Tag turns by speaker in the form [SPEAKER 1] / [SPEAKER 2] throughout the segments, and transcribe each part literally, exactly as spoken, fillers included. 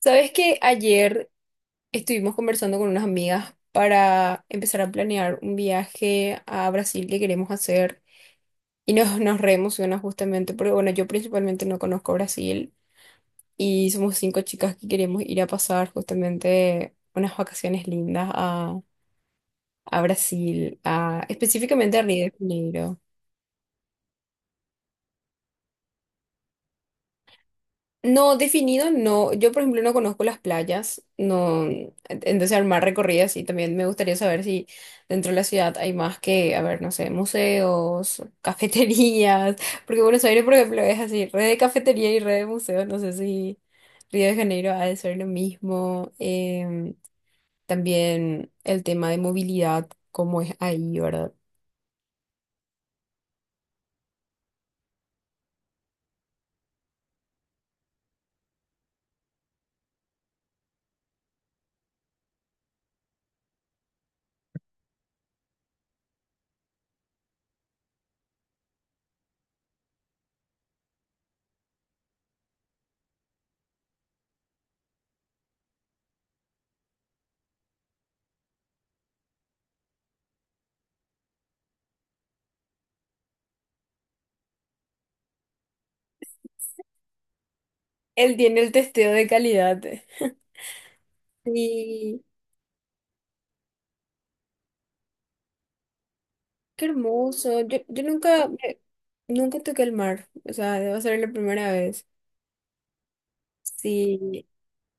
[SPEAKER 1] Sabes que ayer estuvimos conversando con unas amigas para empezar a planear un viaje a Brasil que queremos hacer y nos, nos re emociona justamente porque, bueno, yo principalmente no conozco Brasil y somos cinco chicas que queremos ir a pasar justamente unas vacaciones lindas a, a Brasil, a, específicamente a Río de Janeiro. No, definido no. Yo, por ejemplo, no conozco las playas. No, en- entonces armar recorridas y también me gustaría saber si dentro de la ciudad hay más que, a ver, no sé, museos, cafeterías. Porque Buenos Aires, por ejemplo, es así, red de cafetería y red de museos. No sé si Río de Janeiro ha de ser lo mismo. Em, también el tema de movilidad, cómo es ahí, ¿verdad? Él tiene el testeo de calidad. Sí. Qué hermoso. Yo, yo nunca, eh, nunca toqué el mar. O sea, debo ser la primera vez. Sí.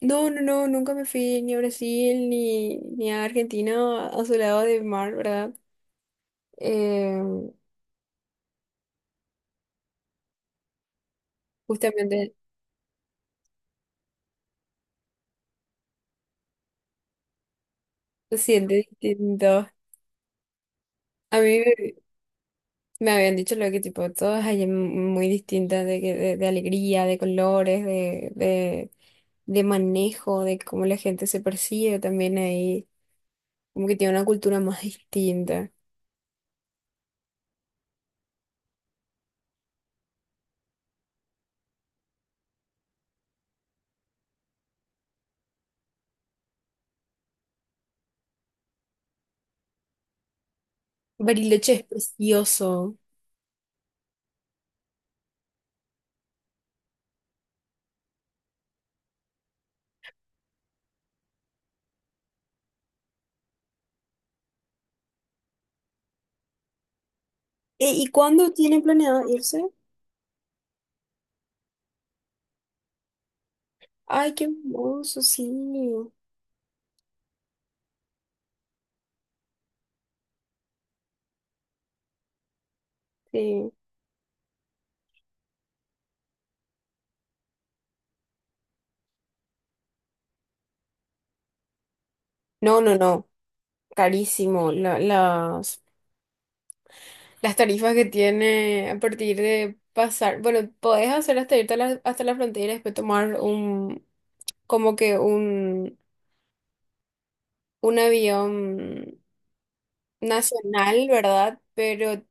[SPEAKER 1] No, no, no, nunca me fui ni a Brasil ni, ni a Argentina a su lado de mar, ¿verdad? Eh, justamente se siente distinto. A mí me me habían dicho lo que tipo, todas allá muy distintas de, que- de, de alegría, de colores, de, de, de manejo, de cómo la gente se percibe también ahí. Como que tiene una cultura más distinta. Bariloche es precioso. Eh, ¿Y cuándo tienen planeado irse? Ay, qué hermoso, sí. Sí. No, no, no. Carísimo. La- las, las tarifas que tiene a partir de pasar. Bueno, podés hacer hasta irte a la- hasta la frontera y después tomar un, como que un, un avión nacional, ¿verdad? Pero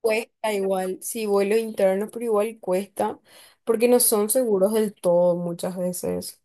[SPEAKER 1] cuesta igual, sí, vuelos internos, pero igual cuesta, porque no son seguros del todo muchas veces.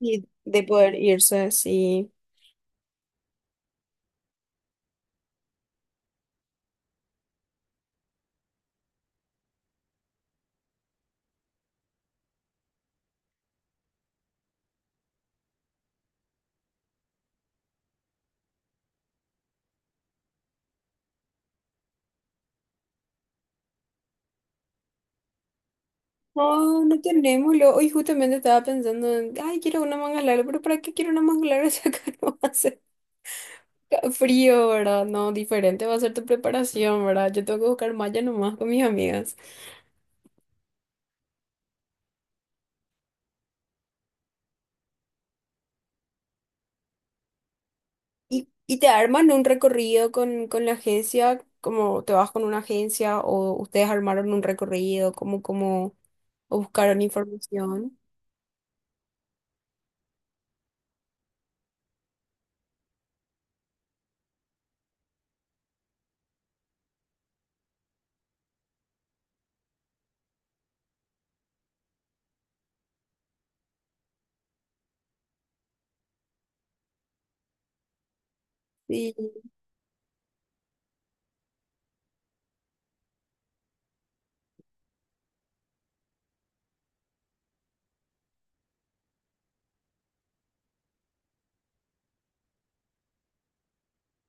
[SPEAKER 1] Y de poder irse así. No, no tenemos. lo- Hoy justamente estaba pensando en, ay, quiero una manga larga, pero ¿para qué quiero una manga larga si acá no hace frío, ¿verdad? No, diferente va a ser tu preparación, ¿verdad? Yo tengo que buscar malla nomás con mis amigas. Y, y te arman un recorrido con, con la agencia, como te vas con una agencia o ustedes armaron un recorrido, como, como, o buscaron información. Sí,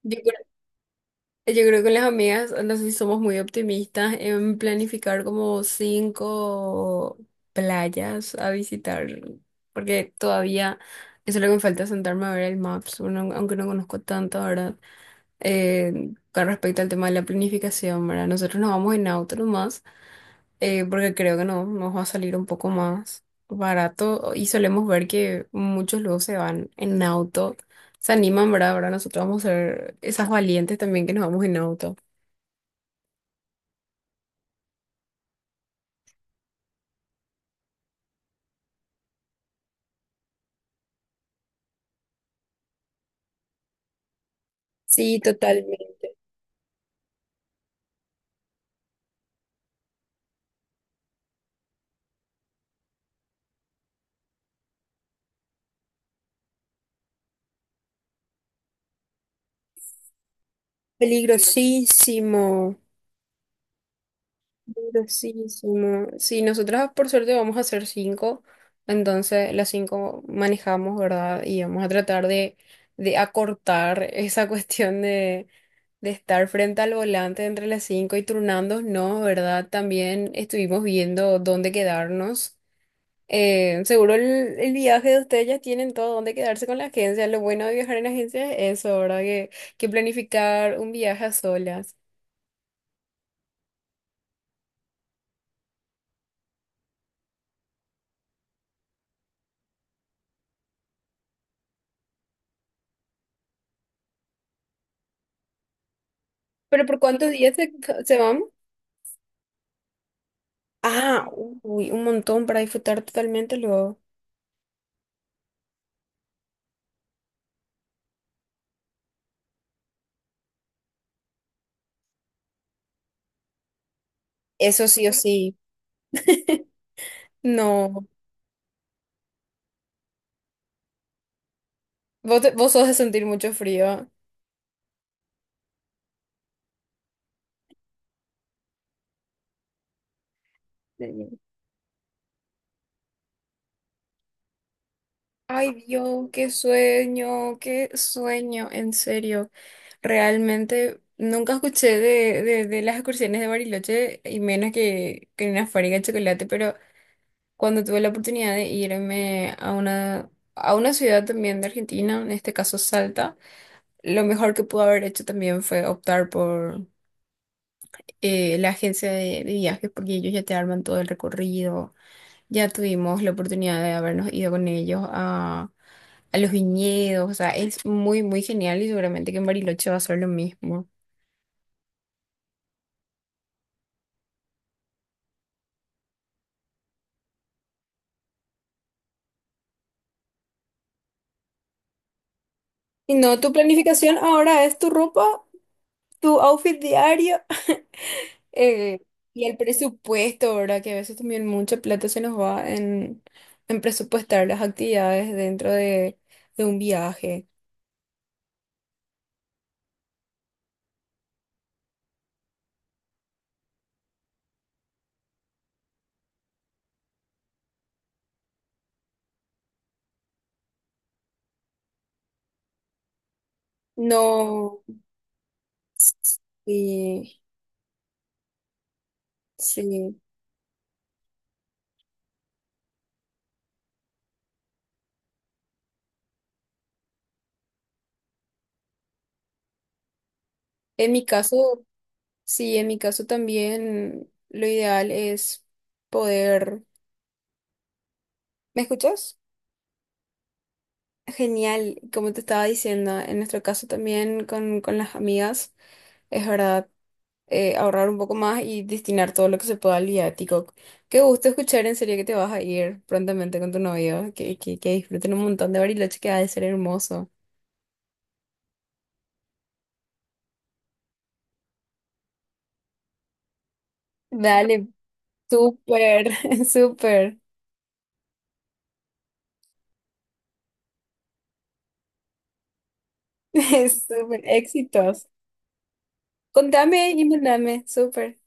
[SPEAKER 1] Yo yo creo que con las amigas, no sé si somos muy optimistas en planificar como cinco playas a visitar, porque todavía eso es lo que me falta sentarme a ver el maps, uno- aunque no conozco tanto, ¿verdad? Eh, con respecto al tema de la planificación, ¿verdad? Nosotros nos vamos en auto nomás, eh, porque creo que no, nos va a salir un poco más barato y solemos ver que muchos luego se van en auto. Se animan, ¿verdad? Ahora nosotros vamos a ser esas valientes también que nos vamos en auto. Sí, totalmente. Peligrosísimo. Peligrosísimo. Sí, nosotras por suerte vamos a ser cinco, entonces las cinco manejamos, ¿verdad? Y vamos a tratar de, de acortar esa cuestión de, de estar frente al volante entre las cinco y turnándonos, ¿verdad? También estuvimos viendo dónde quedarnos. Eh, seguro el, el viaje de ustedes ya tienen todo donde quedarse con la agencia. Lo bueno de viajar en agencia es eso, ¿verdad? Que, que planificar un viaje a solas. ¿Pero por cuántos días se, se van? Ah, uy, un montón para disfrutar totalmente luego. Eso sí o sí. No, vos, te- vos sos de sentir mucho frío. Ay Dios, qué sueño, qué sueño, en serio. Realmente nunca escuché de, de, de las excursiones de Bariloche y menos que, que una fábrica de chocolate, pero cuando tuve la oportunidad de irme a una, a una ciudad también de Argentina, en este caso Salta, lo mejor que pude haber hecho también fue optar por eh, la agencia de, de viajes porque ellos ya te arman todo el recorrido ya tuvimos la oportunidad de habernos ido con ellos a, a los viñedos, o sea, es muy, muy genial y seguramente que en Bariloche va a ser lo mismo. Y no, tu planificación ahora es tu ropa, tu outfit diario eh, y el presupuesto, ¿verdad? Que a veces también mucha plata se nos va en, en presupuestar las actividades dentro de, de un viaje. No, sí, sí. En mi caso, sí, en mi caso también lo ideal es poder... ¿Me escuchas? Genial, como te estaba diciendo, en nuestro caso también con, con las amigas, es verdad, eh, ahorrar un poco más y destinar todo lo que se pueda al viático. Qué gusto escuchar, en serio que te vas a ir prontamente con tu novio, que, que, que disfruten un montón de Bariloche, que ha de ser hermoso. Dale, súper, súper, súper, éxitos. Contame y mandame, súper.